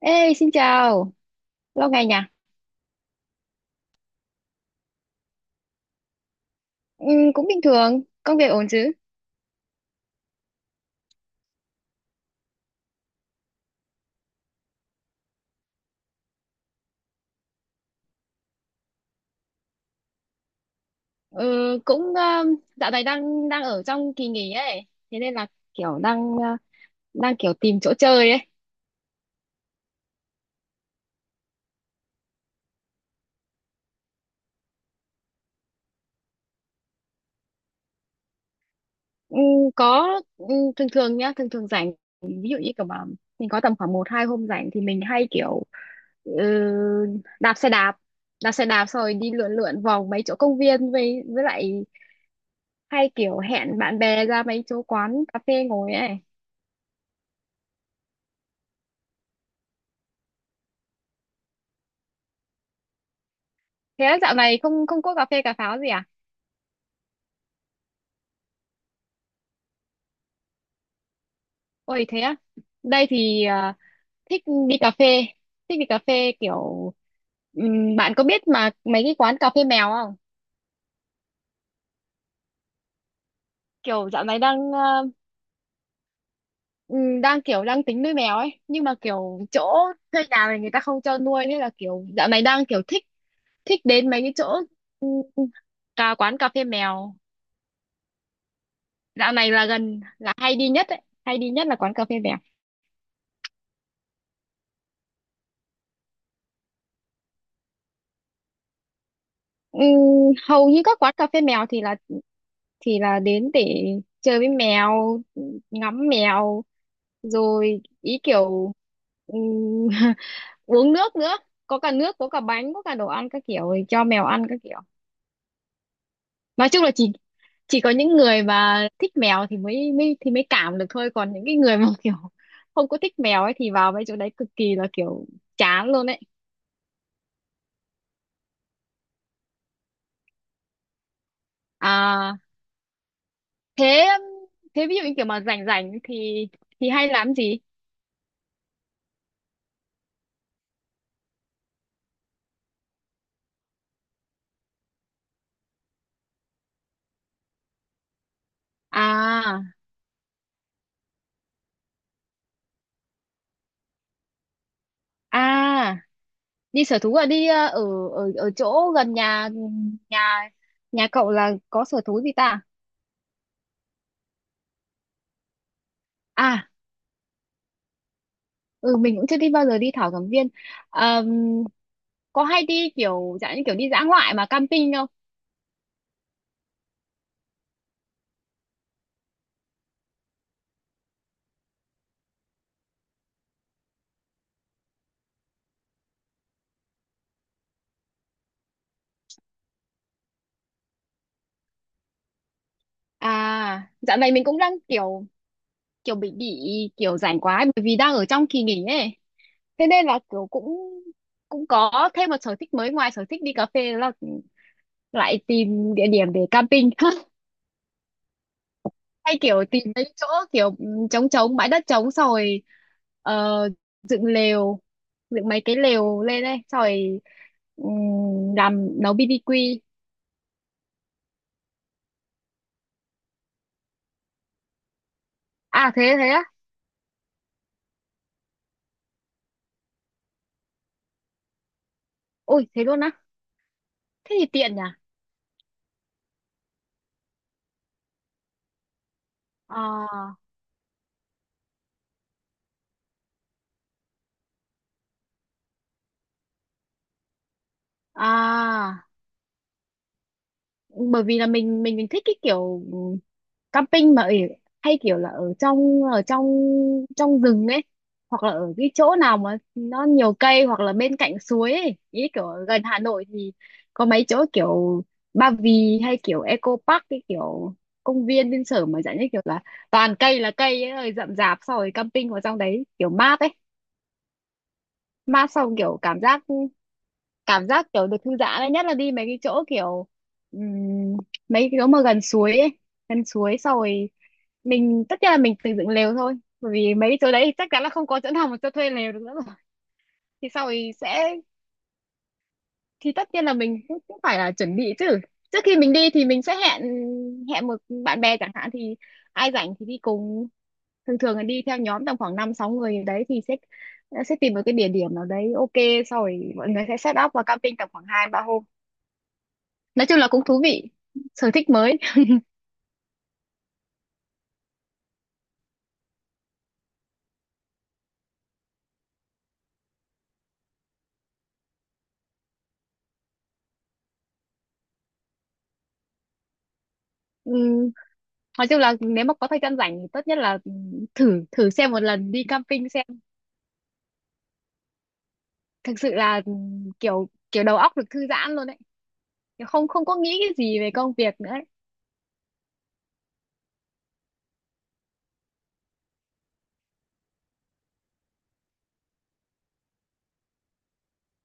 Ê, xin chào, lâu ngày nhỉ? Ừ, cũng bình thường, công việc ổn chứ? Ừ, cũng ờ, dạo này đang đang ở trong kỳ nghỉ ấy, thế nên là kiểu đang ờ, đang kiểu tìm chỗ chơi ấy. Ừ, có ừ, thường thường nhá, thường thường rảnh, ví dụ như kiểu mà mình có tầm khoảng một hai hôm rảnh thì mình hay kiểu ừ, đạp xe đạp, đạp xe đạp xong rồi đi lượn lượn vòng mấy chỗ công viên với lại hay kiểu hẹn bạn bè ra mấy chỗ quán cà phê ngồi ấy. Thế dạo này không không có cà phê cà pháo gì à? Ôi thế á, đây thì thích đi cà phê, thích đi cà phê kiểu bạn có biết mà mấy cái quán cà phê mèo không? Kiểu dạo này đang kiểu đang tính nuôi mèo ấy, nhưng mà kiểu chỗ thuê nhà này người ta không cho nuôi, thế là kiểu dạo này đang kiểu thích thích đến mấy cái chỗ ừm, cà quán cà phê mèo. Dạo này là gần là hay đi nhất ấy, hay đi nhất là quán cà phê mèo. Ừm, hầu như các quán cà phê mèo thì là đến để chơi với mèo, ngắm mèo, rồi ý kiểu ừm, uống nước nữa, có cả nước, có cả bánh, có cả đồ ăn các kiểu để cho mèo ăn các kiểu. Nói chung là chỉ có những người mà thích mèo thì mới mới thì mới cảm được thôi, còn những cái người mà kiểu không có thích mèo ấy thì vào mấy chỗ đấy cực kỳ là kiểu chán luôn ấy. À thế, thế ví dụ như kiểu mà rảnh rảnh thì hay làm gì? À, à, đi sở thú à? Đi ờ, ở ở ở chỗ gần nhà nhà nhà cậu là có sở thú gì ta? À, ừ mình cũng chưa đi bao giờ, đi thảo cầm viên. Ờm, có hay đi kiểu dạng như kiểu đi dã ngoại mà camping không? À, dạo này mình cũng đang kiểu kiểu bị kiểu rảnh quá ấy, bởi vì đang ở trong kỳ nghỉ ấy. Thế nên là kiểu cũng cũng có thêm một sở thích mới, ngoài sở thích đi cà phê là lại tìm địa điểm để camping. Hay kiểu tìm mấy chỗ kiểu ừ, trống trống bãi đất trống xong rồi ờ, dựng lều, dựng mấy cái lều lên đây xong rồi làm nấu BBQ. À thế, thế á, ui thế luôn á, thế thì tiện nhỉ. À à bởi vì là mình thích cái kiểu camping mà ở, hay kiểu là ở trong trong rừng ấy, hoặc là ở cái chỗ nào mà nó nhiều cây hoặc là bên cạnh suối ấy, ý kiểu ở gần Hà Nội thì có mấy chỗ kiểu Ba Vì hay kiểu Eco Park, cái kiểu công viên bên sở mà dạng như kiểu là toàn cây là cây ấy rồi rậm rạp, sau rồi camping vào trong đấy kiểu mát ấy, mát xong kiểu cảm giác kiểu được thư giãn đấy, nhất là đi mấy cái chỗ kiểu ừm, mấy cái chỗ mà gần suối ấy, gần suối xong rồi mình tất nhiên là mình tự dựng lều thôi, bởi vì mấy cái chỗ đấy thì chắc chắn là không có chỗ nào mà cho thuê lều được nữa rồi. Thì sau rồi sẽ thì tất nhiên là mình cũng, cũng phải là chuẩn bị chứ, trước khi mình đi thì mình sẽ hẹn hẹn một bạn bè chẳng hạn thì ai rảnh thì đi cùng, thường thường là đi theo nhóm tầm khoảng năm sáu người đấy, thì sẽ tìm một cái địa điểm nào đấy ok, sau rồi mọi người sẽ set up và camping tầm khoảng hai ba hôm. Nói chung là cũng thú vị, sở thích mới. Ừm, nói chung là nếu mà có thời gian rảnh thì tốt nhất là thử thử xem một lần đi camping xem, thực sự là kiểu kiểu đầu óc được thư giãn luôn đấy, không không có nghĩ cái gì về công việc nữa ấy.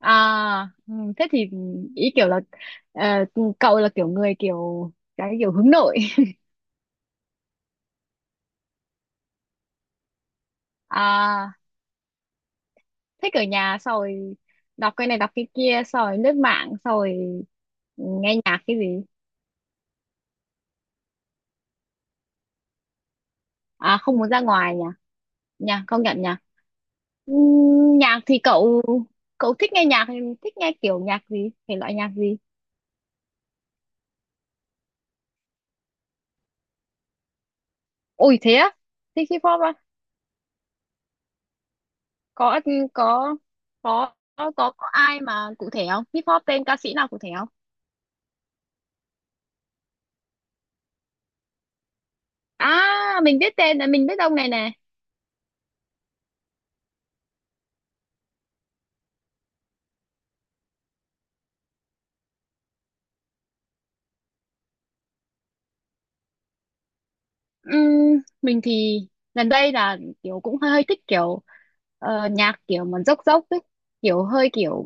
À, thế thì ý kiểu là ờ, cậu là kiểu người kiểu cái kiểu hướng nội. À thích ở nhà xong rồi đọc cái này đọc cái kia xong rồi lướt mạng xong rồi nghe nhạc cái gì. À không muốn ra ngoài nhỉ, nhỉ công nhận nhỉ. Nhạc thì cậu cậu thích nghe nhạc, thích nghe kiểu nhạc gì, thể loại nhạc gì? Ôi thế á, thích hip hop á? Có có có có có có ai mà cụ thể không, hip hop tên ca sĩ nào cụ thể không? À mình biết tên này, mình biết ông này nè. Mình thì gần đây là kiểu cũng hơi thích kiểu nhạc kiểu mà dốc dốc ấy, kiểu hơi kiểu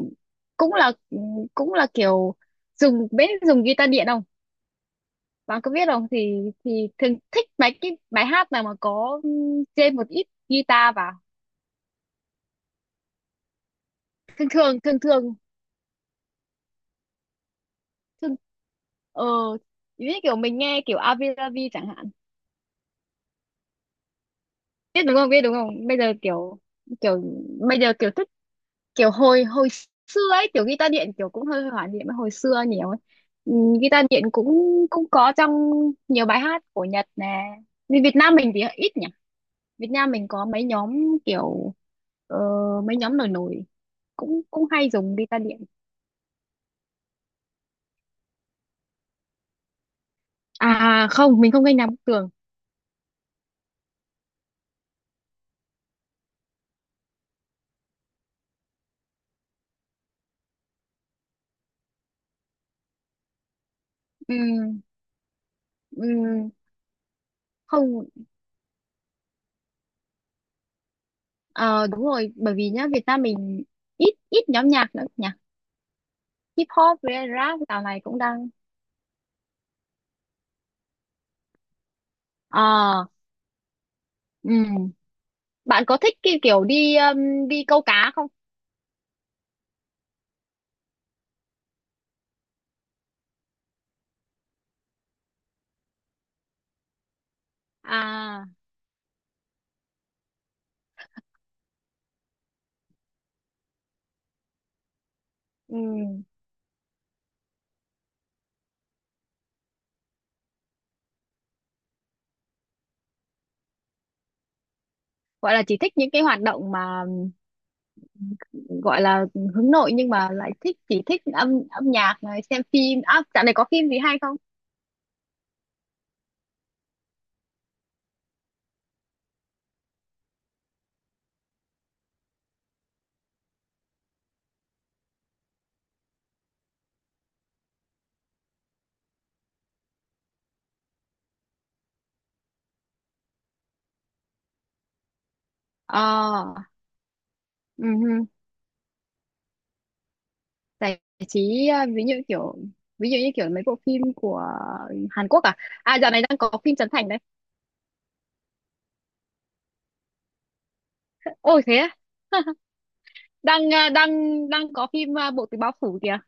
cũng là cũng là kiểu dùng, biết dùng guitar điện không, bạn có biết không? Thì thì thường thích mấy cái bài hát nào mà có thêm một ít guitar vào. Thường thường thường thường thường ờ như kiểu mình nghe kiểu Avi Lavi chẳng hạn, biết đúng không, biết đúng không, bây giờ kiểu kiểu bây giờ kiểu thích kiểu hồi hồi xưa ấy, kiểu guitar điện kiểu cũng hơi hoài niệm hồi xưa nhiều ấy. Guitar điện cũng cũng có trong nhiều bài hát của Nhật nè, vì Việt Nam mình thì ít nhỉ. Việt Nam mình có mấy nhóm kiểu ờ, mấy nhóm nổi nổi cũng cũng hay dùng guitar điện. À không, mình không gây nám tường. Ừ, ừ, không ờ, đúng rồi, bởi vì nhá Việt Nam mình ít ít nhóm nhạc nữa nhỉ. Hip hop với rap dạo này cũng đang ờ. Ừ. Bạn có thích cái kiểu đi đi câu cá không? À ừm, gọi là chỉ thích những cái hoạt động mà gọi là hướng nội nhưng mà lại thích, chỉ thích âm âm nhạc này, xem phim. À, dạo này có phim gì hay không? Ờ. Ừ. Giải trí à, ví dụ kiểu ví dụ như kiểu mấy bộ phim của Hàn Quốc à, à dạo này đang có phim Trấn Thành đấy. Ôi thế á. đang à, đang đang có phim à, Bộ Tứ Báo Phủ kìa.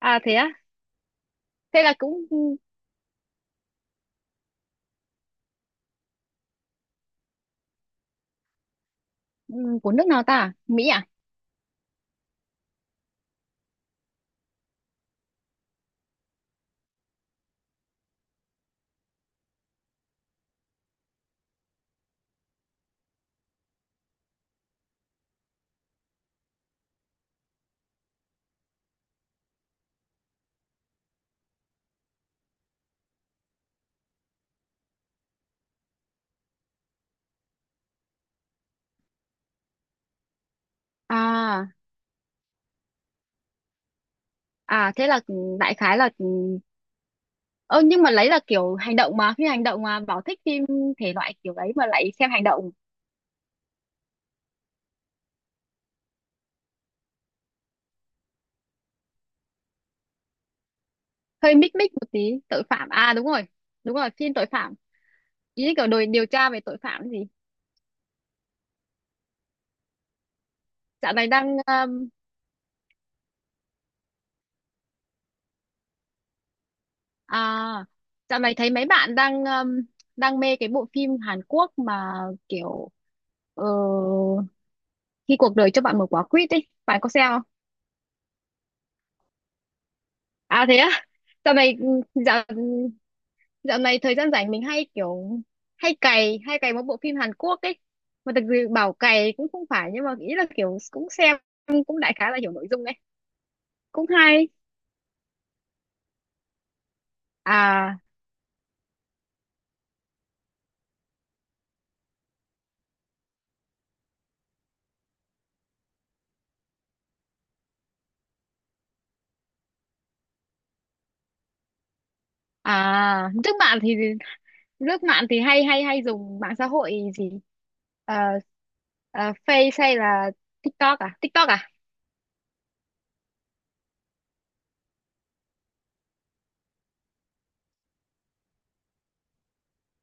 À thế á, thế là cũng. ừ, của nước nào ta, Mỹ à? À, à thế là đại khái là ừ, ơ nhưng mà lấy là kiểu hành động mà phim hành động mà bảo thích phim thể loại kiểu đấy mà lại xem hành động, hơi mích mích một tí. Tội phạm à, đúng rồi, đúng rồi, phim tội phạm, ý kiểu đồi điều tra về tội phạm gì. Dạo này đang. À, dạo này thấy mấy bạn đang đang mê cái bộ phim Hàn Quốc mà kiểu ờ, khi cuộc đời cho bạn một quả quýt ấy, bạn có xem không? À thế á. Dạo này ừ, dạo dạo này thời gian rảnh mình hay kiểu hay cày một bộ phim Hàn Quốc ấy. Mà thực sự bảo cày cũng không phải nhưng mà ý là kiểu cũng xem, cũng đại khái là hiểu nội dung ấy. Cũng hay. À, à trước bạn thì lướt mạng thì hay hay hay dùng mạng xã hội gì? Ờ, ờ, Face hay là TikTok à, TikTok à?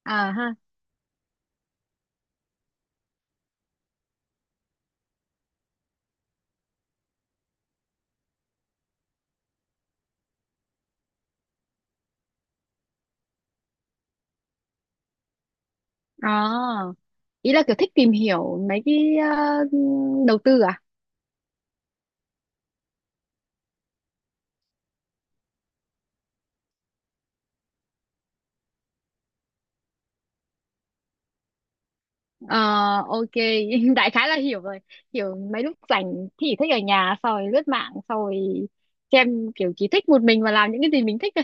À ha. Ờ, ý là kiểu thích tìm hiểu mấy cái ờ, đầu tư à? Ờ, ok. Đại khái là hiểu rồi, hiểu mấy lúc rảnh thì thích ở nhà xong rồi lướt mạng xong rồi xem, kiểu chỉ thích một mình và làm những cái gì mình thích thôi.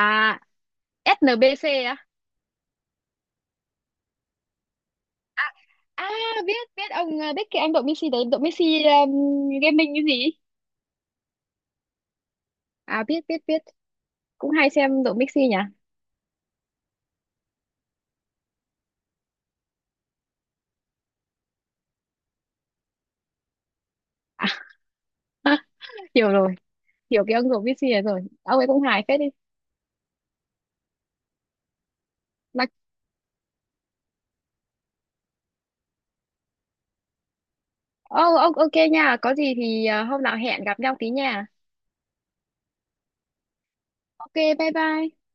À SNBC á? À biết, biết ông ờ, biết cái anh đội Messi đấy, đội Messi gaming cái gì. À biết, biết, biết, cũng hay xem độ Mixi nhỉ. À, hiểu rồi, hiểu cái ông độ Mixi này rồi, ông ấy cũng hài phết đi. Mà ô ô- ok nha, có gì thì à, hôm nào hẹn gặp nhau tí nha. Ok bye bye.